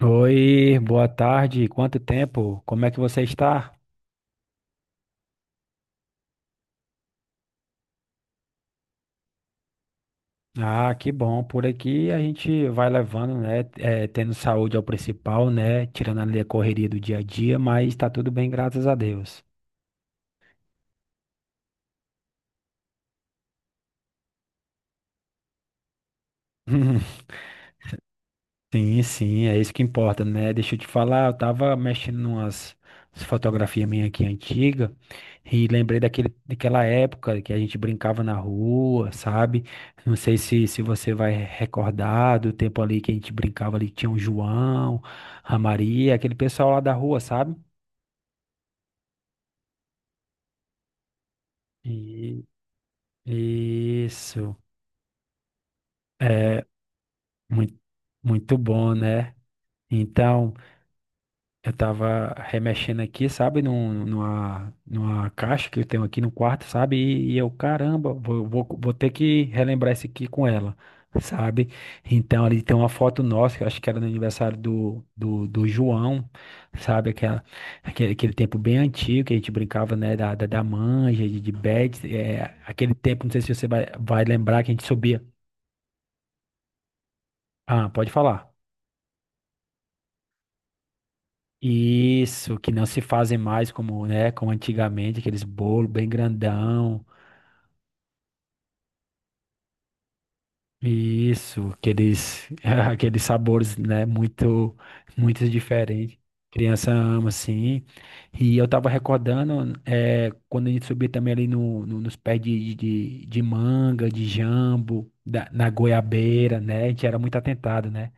Oi, boa tarde. Quanto tempo? Como é que você está? Ah, que bom. Por aqui a gente vai levando, né? Tendo saúde é o principal, né? Tirando ali a correria do dia a dia, mas tá tudo bem, graças a Deus. Sim, sim, é isso que importa, né? Deixa eu te falar, eu tava mexendo numas fotografias minha aqui antiga e lembrei daquela época que a gente brincava na rua, sabe? Não sei se você vai recordar do tempo ali que a gente brincava ali, que tinha o João, a Maria, aquele pessoal lá da rua, sabe? E- isso, é muito, muito bom, né? Então. Eu tava remexendo aqui, sabe, numa caixa que eu tenho aqui no quarto, sabe? E eu, caramba, vou ter que relembrar isso aqui com ela, sabe? Então ali tem uma foto nossa, que eu acho que era no aniversário do João, sabe? Aquele tempo bem antigo que a gente brincava, né? Da manja, de bad, é, aquele tempo, não sei se você vai lembrar que a gente subia. Ah, pode falar. Isso, que não se fazem mais como, né, como antigamente, aqueles bolos bem grandão. Isso, aqueles, aqueles sabores, né, muito, muito diferentes. Criança ama, assim. E eu tava recordando, é, quando a gente subia também ali nos pés de manga, de jambo, na goiabeira, né? A gente era muito atentado, né?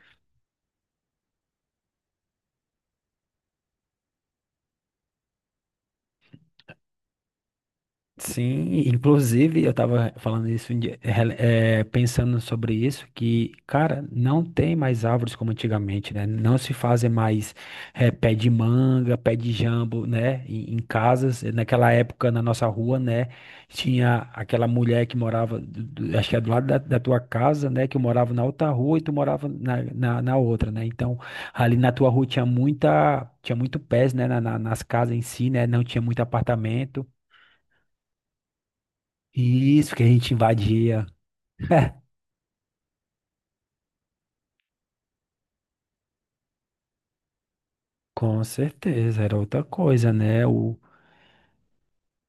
Sim, inclusive eu estava falando isso, um dia, pensando sobre isso, que, cara, não tem mais árvores como antigamente, né? Não se fazem mais pé de manga, pé de jambo, né? Em casas. Naquela época, na nossa rua, né? Tinha aquela mulher que morava, acho que é do lado da tua casa, né? Que eu morava na outra rua e tu morava na outra, né? Então, ali na tua rua tinha tinha muito pés, né? Nas casas em si, né? Não tinha muito apartamento. Isso que a gente invadia, com certeza, era outra coisa, né? O,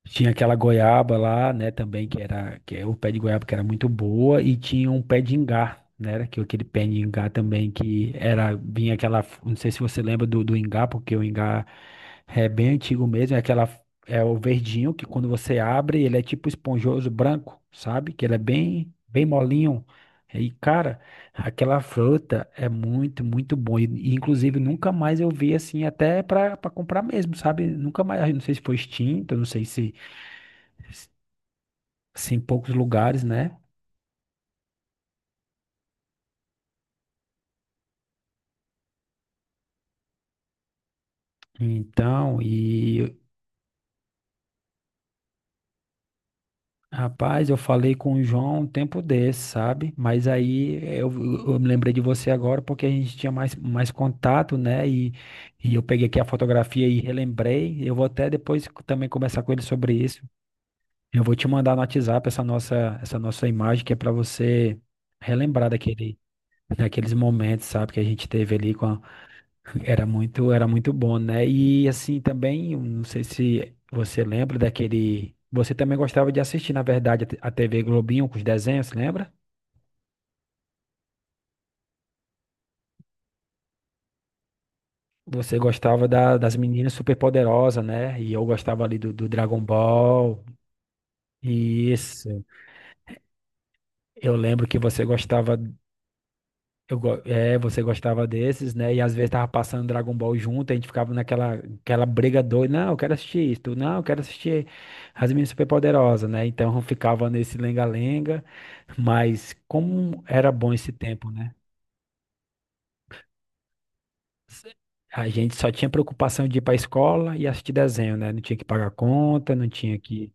tinha aquela goiaba lá, né, também, que era, que é o pé de goiaba que era muito boa, e tinha um pé de ingá, né, era aquele pé de ingá também, que era, vinha aquela, não sei se você lembra do ingá, porque o ingá é bem antigo mesmo, é aquela, é o verdinho, que quando você abre, ele é tipo esponjoso, branco, sabe, que ele é bem, bem molinho, e cara, aquela fruta é muito, muito bom, inclusive nunca mais eu vi assim, até pra comprar mesmo, sabe, nunca mais, eu não sei se foi extinto, eu não sei se assim, em poucos lugares, né? Então, e rapaz, eu falei com o João um tempo desse, sabe? Mas aí eu me lembrei de você agora porque a gente tinha mais, mais contato, né? E eu peguei aqui a fotografia e relembrei. Eu vou até depois também conversar com ele sobre isso. Eu vou te mandar no WhatsApp essa nossa imagem que é para você relembrar daqueles momentos, sabe? Que a gente teve ali com a, era muito, era muito bom, né? E assim também, eu não sei se você lembra daquele. Você também gostava de assistir, na verdade, a TV Globinho com os desenhos, lembra? Você gostava das Meninas Superpoderosas, né? E eu gostava ali do Dragon Ball. E eu lembro que você gostava. Você gostava desses, né? E às vezes tava passando Dragon Ball junto, a gente ficava naquela aquela briga doida. Não, eu quero assistir isso. Não, eu quero assistir As Meninas Superpoderosas, né? Então ficava nesse lenga-lenga. Mas como era bom esse tempo, né? A gente só tinha preocupação de ir pra escola e assistir desenho, né? Não tinha que pagar conta, não tinha que.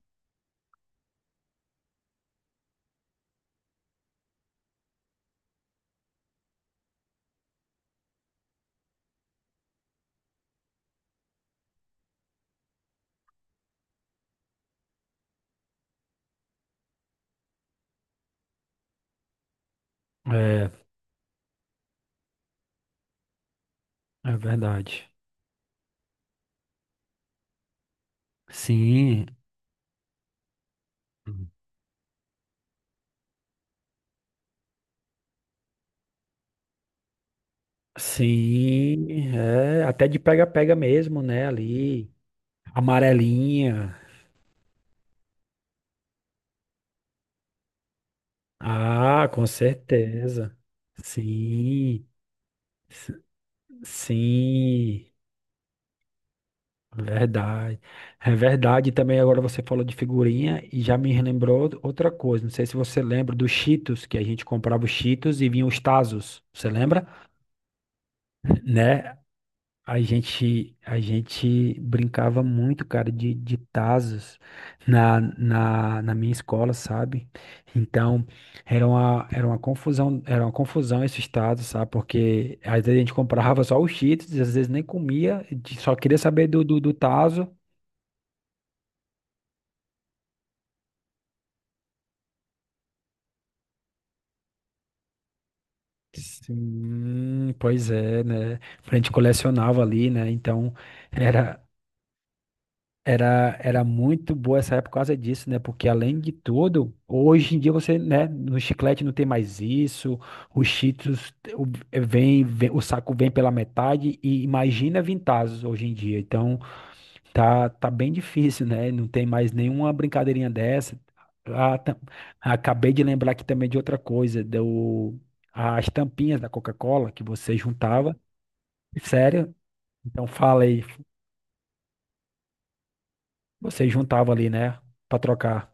É, é verdade. Sim. Sim, é, até de pega-pega mesmo, né, ali. Amarelinha. Ah, com certeza. Sim, s- sim, verdade. É verdade. Também agora você falou de figurinha e já me relembrou outra coisa. Não sei se você lembra dos Cheetos, que a gente comprava os Cheetos e vinham os Tazos. Você lembra? Né? A gente brincava muito, cara, de tazos na minha escola, sabe? Então, era uma confusão esses tazos, sabe? Porque às vezes a gente comprava só os Cheetos, às vezes nem comia, só queria saber do tazo. Sim, pois é, né? A gente colecionava ali, né? Então, era, era, era muito boa essa época por causa disso, né? Porque além de tudo, hoje em dia você, né, no chiclete não tem mais isso, os Cheetos o saco vem pela metade e imagina Vintazos hoje em dia. Então, tá bem difícil, né? Não tem mais nenhuma brincadeirinha dessa. Ah, tam- Acabei de lembrar aqui também de outra coisa, do, as tampinhas da Coca-Cola que você juntava. Sério? Então fala aí, você juntava ali, né, pra trocar.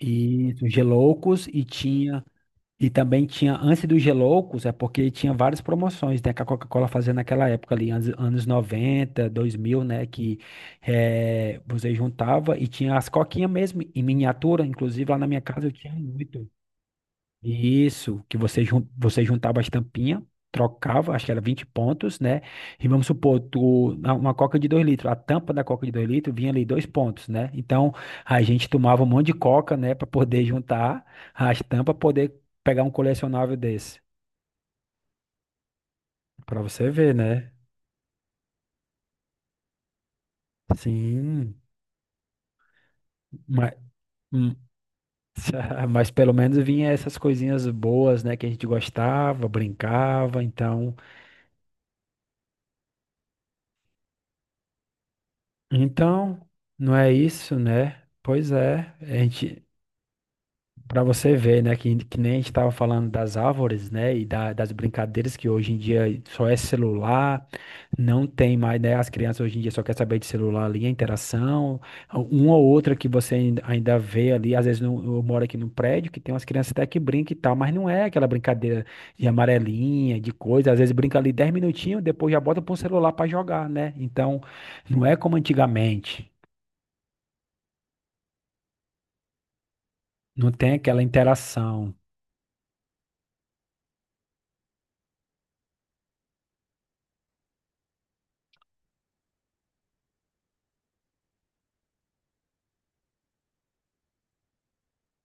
E os Geloucos e tinha e também tinha antes dos Geloucos, é porque tinha várias promoções, né, que a Coca-Cola fazia naquela época ali, anos 90, 2000 né, que você juntava e tinha as coquinhas mesmo em miniatura, inclusive lá na minha casa eu tinha muito. Isso, que você, você juntava as tampinhas, trocava, acho que era 20 pontos, né? E vamos supor, uma coca de 2 litros, a tampa da coca de 2 litros vinha ali 2 pontos, né? Então a gente tomava um monte de coca, né, para poder juntar as tampas, poder pegar um colecionável desse. Para você ver, né? Sim, mas, mas pelo menos vinha essas coisinhas boas, né, que a gente gostava, brincava, então. Então, não é isso, né? Pois é, a gente, para você ver, né, que nem a gente estava falando das árvores, né, e das brincadeiras que hoje em dia só é celular, não tem mais, né, as crianças hoje em dia só querem saber de celular ali, a interação, uma ou outra que você ainda vê ali, às vezes eu moro aqui no prédio, que tem umas crianças até que brincam e tal, mas não é aquela brincadeira de amarelinha, de coisa, às vezes brinca ali 10 minutinhos, depois já bota para o celular para jogar, né? Então, não é como antigamente. Não tem aquela interação.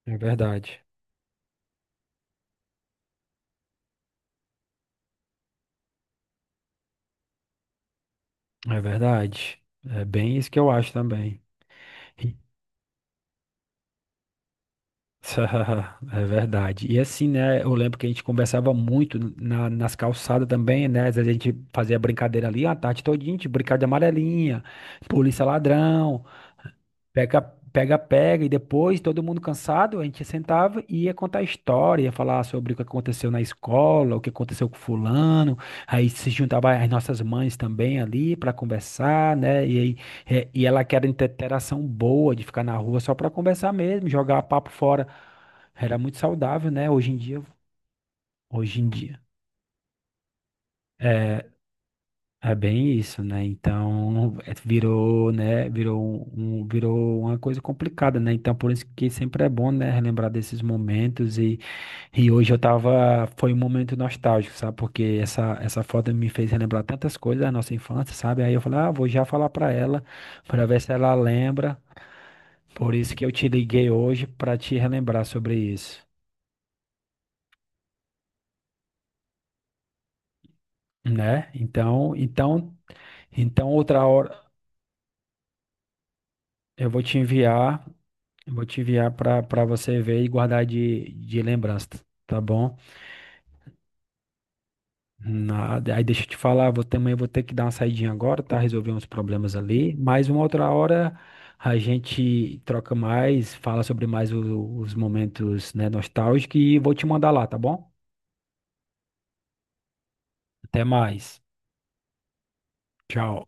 É verdade. É verdade. É bem isso que eu acho também. E- É verdade. E assim, né? Eu lembro que a gente conversava muito nas calçadas também, né? Às vezes a gente fazia brincadeira ali, a tarde todinha, a gente brincava de amarelinha, polícia ladrão. Pega, pega, e depois, todo mundo cansado, a gente sentava e ia contar a história, ia falar sobre o que aconteceu na escola, o que aconteceu com fulano, aí se juntava as nossas mães também ali para conversar, né? E aí, é, e ela quer interação boa de ficar na rua só para conversar mesmo, jogar papo fora. Era muito saudável, né? Hoje em dia. É, é bem isso, né? Então, é, virou, né? Virou virou uma coisa complicada, né? Então, por isso que sempre é bom, né? Relembrar desses momentos e hoje eu tava, foi um momento nostálgico, sabe? Porque essa foto me fez relembrar tantas coisas da nossa infância, sabe? Aí eu falei, ah, vou já falar pra ela, pra ver se ela lembra. Por isso que eu te liguei hoje pra te relembrar sobre isso, né? Então outra hora eu vou te enviar. Eu vou te enviar para você ver e guardar de lembrança, tá bom? Nada. Aí deixa eu te falar, também vou ter que dar uma saidinha agora, tá? Resolver uns problemas ali, mas uma outra hora a gente troca mais, fala sobre mais os momentos, né, nostálgicos e vou te mandar lá, tá bom? Até mais. Tchau.